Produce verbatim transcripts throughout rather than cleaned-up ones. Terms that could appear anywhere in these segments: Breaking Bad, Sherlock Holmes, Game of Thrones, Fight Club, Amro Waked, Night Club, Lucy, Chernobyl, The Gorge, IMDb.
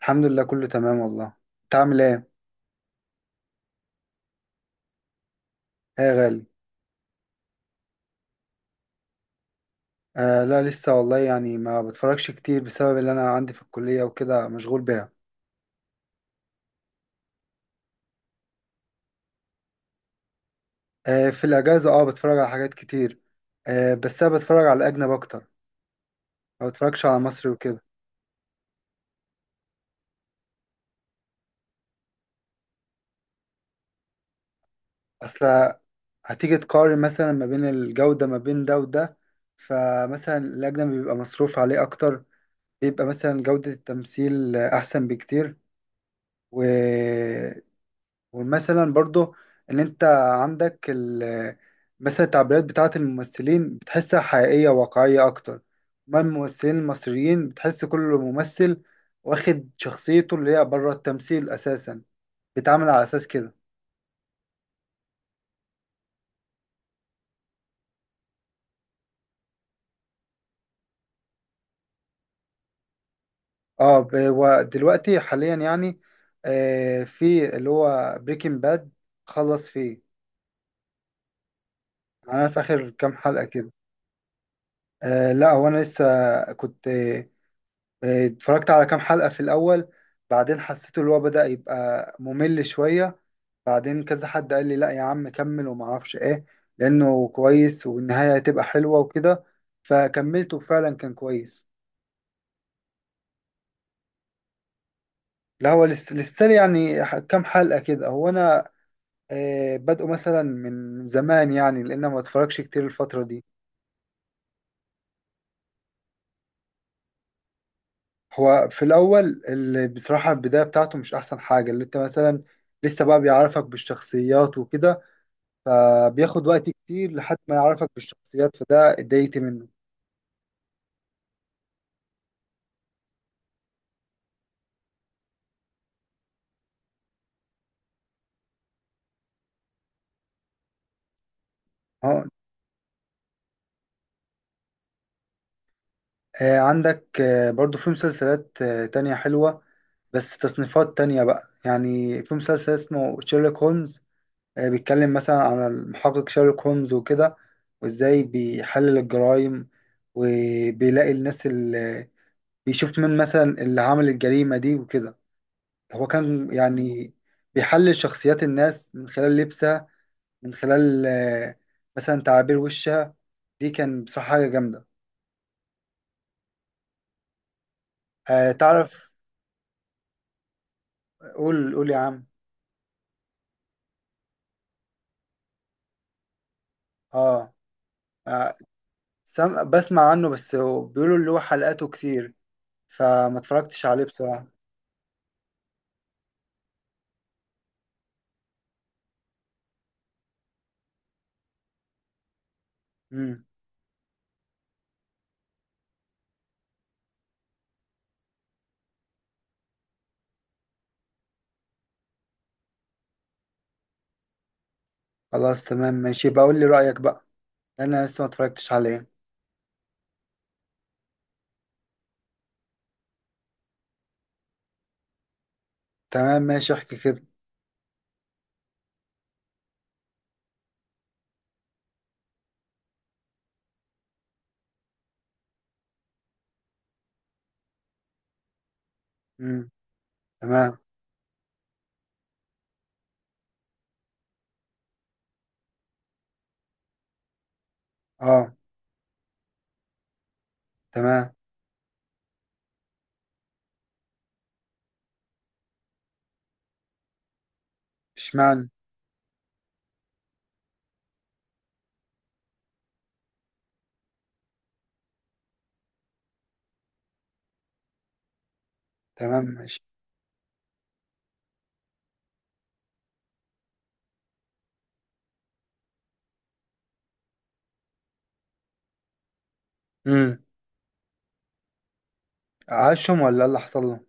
الحمد لله كله تمام والله. انت عامل ايه؟ ايه يا غالي؟ آه، لا لسه والله، يعني ما بتفرجش كتير بسبب اللي انا عندي في الكلية وكده مشغول بيها. آه، في الاجازة، اه، بتفرج على حاجات كتير. آه، بس انا بتفرج على الاجنب اكتر. ما بتفرجش على مصري وكده. اصل، هتيجي تقارن مثلا ما بين الجودة ما بين ده وده. فمثلا الاجنبي بيبقى مصروف عليه اكتر. بيبقى مثلا جودة التمثيل احسن بكتير. و ومثلا برضو، ان انت عندك ال مثلا التعبيرات بتاعة الممثلين بتحسها حقيقية واقعية اكتر. ما الممثلين المصريين بتحس كل ممثل واخد شخصيته اللي هي بره التمثيل اساسا، بيتعامل على اساس كده. اه، ب- ودلوقتي حاليا يعني، آه في اللي هو بريكنج باد، خلص فيه. انا في اخر كام حلقة كده. آه، لا هو انا لسه كنت. آه، اتفرجت على كام حلقة في الأول، بعدين حسيت اللي هو بدأ يبقى ممل شوية. بعدين كذا حد قال لي لا يا عم كمل، وما اعرفش ايه، لأنه كويس والنهاية هتبقى حلوة وكده. فكملته، فعلا كان كويس. لا، هو لسه لسه لي يعني ح- كام حلقة كده. هو أنا آه، بادئه مثلا من زمان، يعني لأن ما اتفرجش كتير الفترة دي. هو في الأول اللي بصراحة البداية بتاعته مش أحسن حاجة، اللي أنت مثلا لسه بقى بيعرفك بالشخصيات وكده، فبياخد وقت كتير لحد ما يعرفك بالشخصيات، فده اتضايقت منه. اه. آه، عندك آه، برضو في مسلسلات آه، تانية حلوة، بس تصنيفات تانية بقى. يعني في مسلسل اسمه شيرلوك هولمز، آه، بيتكلم مثلا عن المحقق شيرلوك هولمز وكده، وازاي بيحلل الجرائم، وبيلاقي الناس اللي بيشوف مين مثلا اللي عمل الجريمة دي وكده. هو كان يعني بيحلل شخصيات الناس من خلال لبسها، من خلال آه، مثلا تعابير وشها. دي كان بصراحة حاجة جامدة. آه، تعرف. قول قول يا عم. اه. آه، سم... بسمع عنه، بس هو بيقولوا اللي هو حلقاته كتير، فما اتفرجتش عليه بصراحة. مم. خلاص تمام ماشي، بقول لي رأيك بقى. انا لسه ما اتفرجتش عليه. تمام ماشي، احكي كده. مم. تمام. اه. تمام. اشمعنى؟ تمام ماشي. مم. عاشهم ولا إيه اللي حصل له؟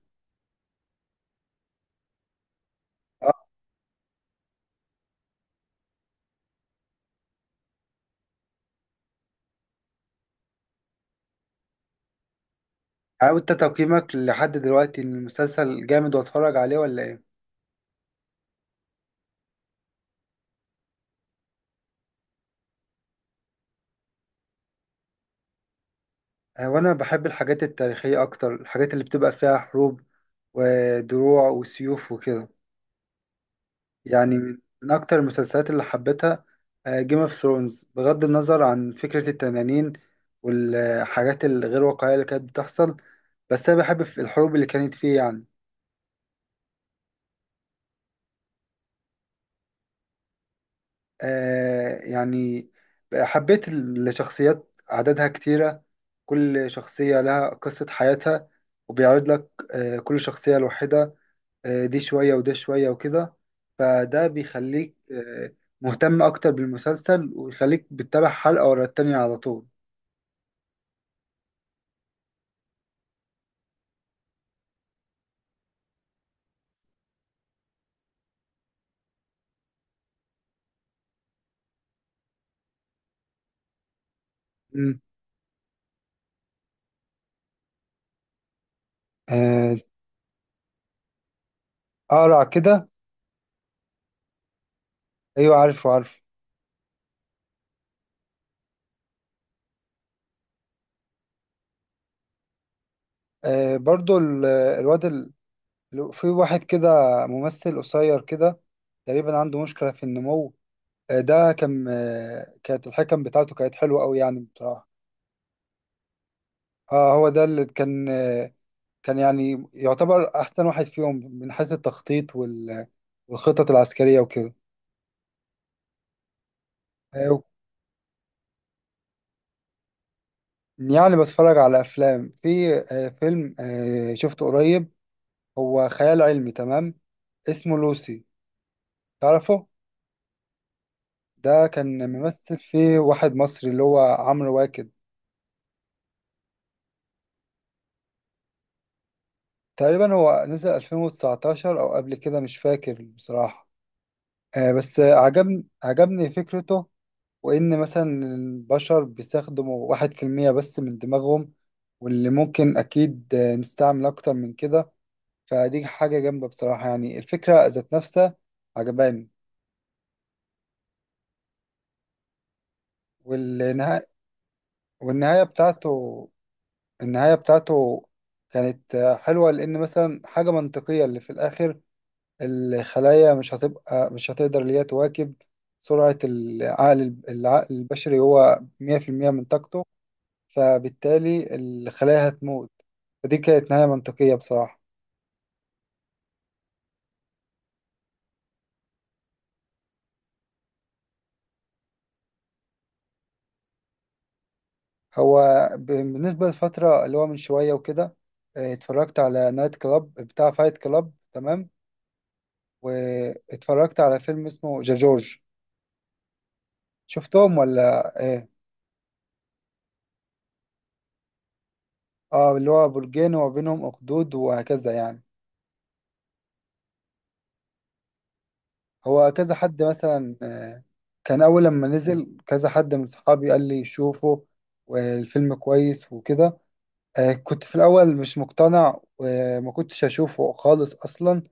اه. يعني انت تقييمك لحد دلوقتي ان المسلسل جامد واتفرج عليه، ولا ايه؟ آه، وانا بحب الحاجات التاريخية اكتر، الحاجات اللي بتبقى فيها حروب ودروع وسيوف وكده. يعني من من اكتر المسلسلات اللي حبيتها جيم اوف ثرونز، بغض النظر عن فكرة التنانين والحاجات الغير واقعية اللي كانت بتحصل، بس انا بحب في الحروب اللي كانت فيه يعني. آه يعني حبيت الشخصيات، عددها كتيرة، كل شخصية لها قصة حياتها، وبيعرض لك آه كل شخصية لوحدها، آه، دي شوية وده شوية وكده. فده بيخليك آه، مهتم أكتر بالمسلسل، ويخليك بتتابع حلقة ورا التانية على طول. مم. آه، أقرع كده. أيوة، عارفه عارفه. آه، برضو ال- الواد ال- في واحد كده، ممثل قصير كده، تقريبا عنده مشكلة في النمو. آه، ده كان آه، كانت الحكم بتاعته كانت حلوة أوي يعني بصراحة. اه، هو ده اللي كان آه، كان يعني يعتبر أحسن واحد فيهم من حيث التخطيط وال- والخطط العسكرية وكده. آه، يعني بتفرج على أفلام. في آه، فيلم آه، شفته قريب، هو خيال علمي تمام، اسمه لوسي. تعرفه؟ ده كان ممثل فيه واحد مصري اللي هو عمرو واكد. تقريبا هو نزل ألفين وتسعتاشر أو قبل كده مش فاكر بصراحة. آه، بس آه، عجبني عجبني فكرته، وإن مثلا البشر بيستخدموا واحد في المية بس من دماغهم، واللي ممكن أكيد آه، نستعمل أكتر من كده. فدي حاجة جامدة بصراحة، يعني الفكرة ذات نفسها عجباني. والنهاية والنهاية بتاعته النهاية بتاعته كانت آه، حلوة، لأن مثلا حاجة منطقية اللي في الآخر. الخلايا مش هتبقى مش هتقدر اللي هي تواكب سرعة العقل العقل البشري هو مية في المية من طاقته، فبالتالي الخلايا هتموت. فدي كانت نهاية منطقية بصراحة. هو ب- بالنسبة للفترة اللي هو من شوية وكده، آه، اتفرجت على نايت كلاب بتاع فايت كلاب، تمام، واتفرجت على فيلم اسمه ذا جورج. شفتهم ولا ايه؟ اه، اللي هو برجين وما بينهم اخدود وهكذا يعني. هو كذا حد مثلا آه، كان اول لما نزل كذا حد من صحابي قال لي شوفه والفيلم كويس وكده. آه، كنت في الاول مش مقتنع وما كنتش اشوفه خالص اصلا،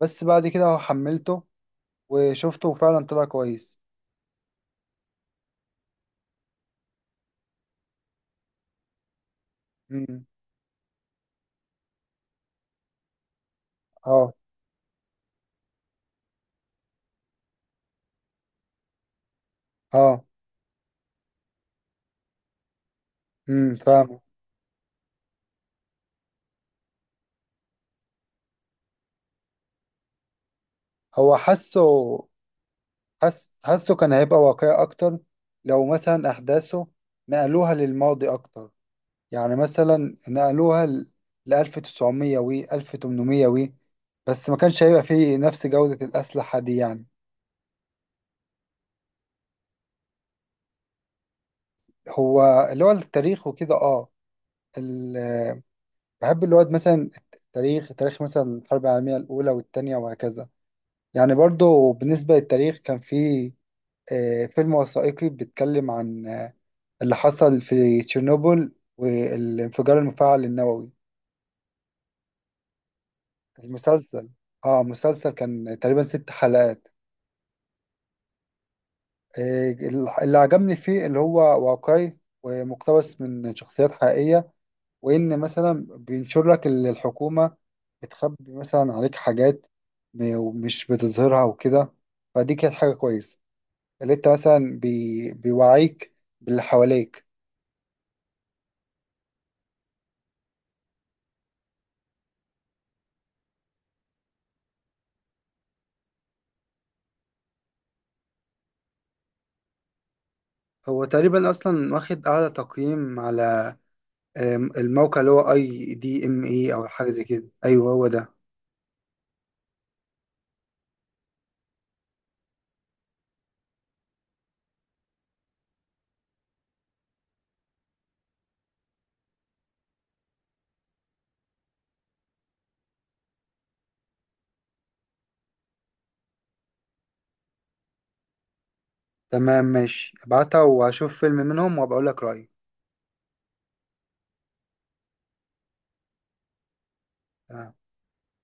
بس بعد كده حملته وشفته، فعلا طلع كويس. امم. اه. اه. امم فاهم. هو حاسه. حس حاسه كان هيبقى واقعي اكتر لو مثلا احداثه نقلوها للماضي اكتر. يعني مثلا نقلوها ل ألف وتسعمية و ألف وتمنمية، و بس ما كانش هيبقى فيه نفس جودة الأسلحة دي يعني. هو اللي هو التاريخ وكده، اه. ال- بحب اللي هو مثلا التاريخ، تاريخ مثلا الحرب العالمية الأولى والتانية وهكذا. يعني برضو بالنسبة للتاريخ كان في آه، فيلم وثائقي بيتكلم عن آه، اللي حصل في تشيرنوبل، والانفجار المفاعل النووي. المسلسل. اه، مسلسل كان تقريبا ست حلقات. آه، اللي عجبني فيه اللي هو واقعي ومقتبس من شخصيات حقيقية، وإن مثلا بينشر لك اللي الحكومة بتخبي مثلا عليك حاجات م- ومش بتظهرها وكده. فدي كانت حاجة كويسة، اللي انت مثلا بي... بيوعيك باللي حواليك. هو تقريبا اصلا واخد اعلى تقييم على آم، الموقع اللي هو اي دي ام اي، او حاجه زي كده، ايوه هو ده. تمام ماشي، ابعتها واشوف فيلم منهم وبقول لك رايي. تمام.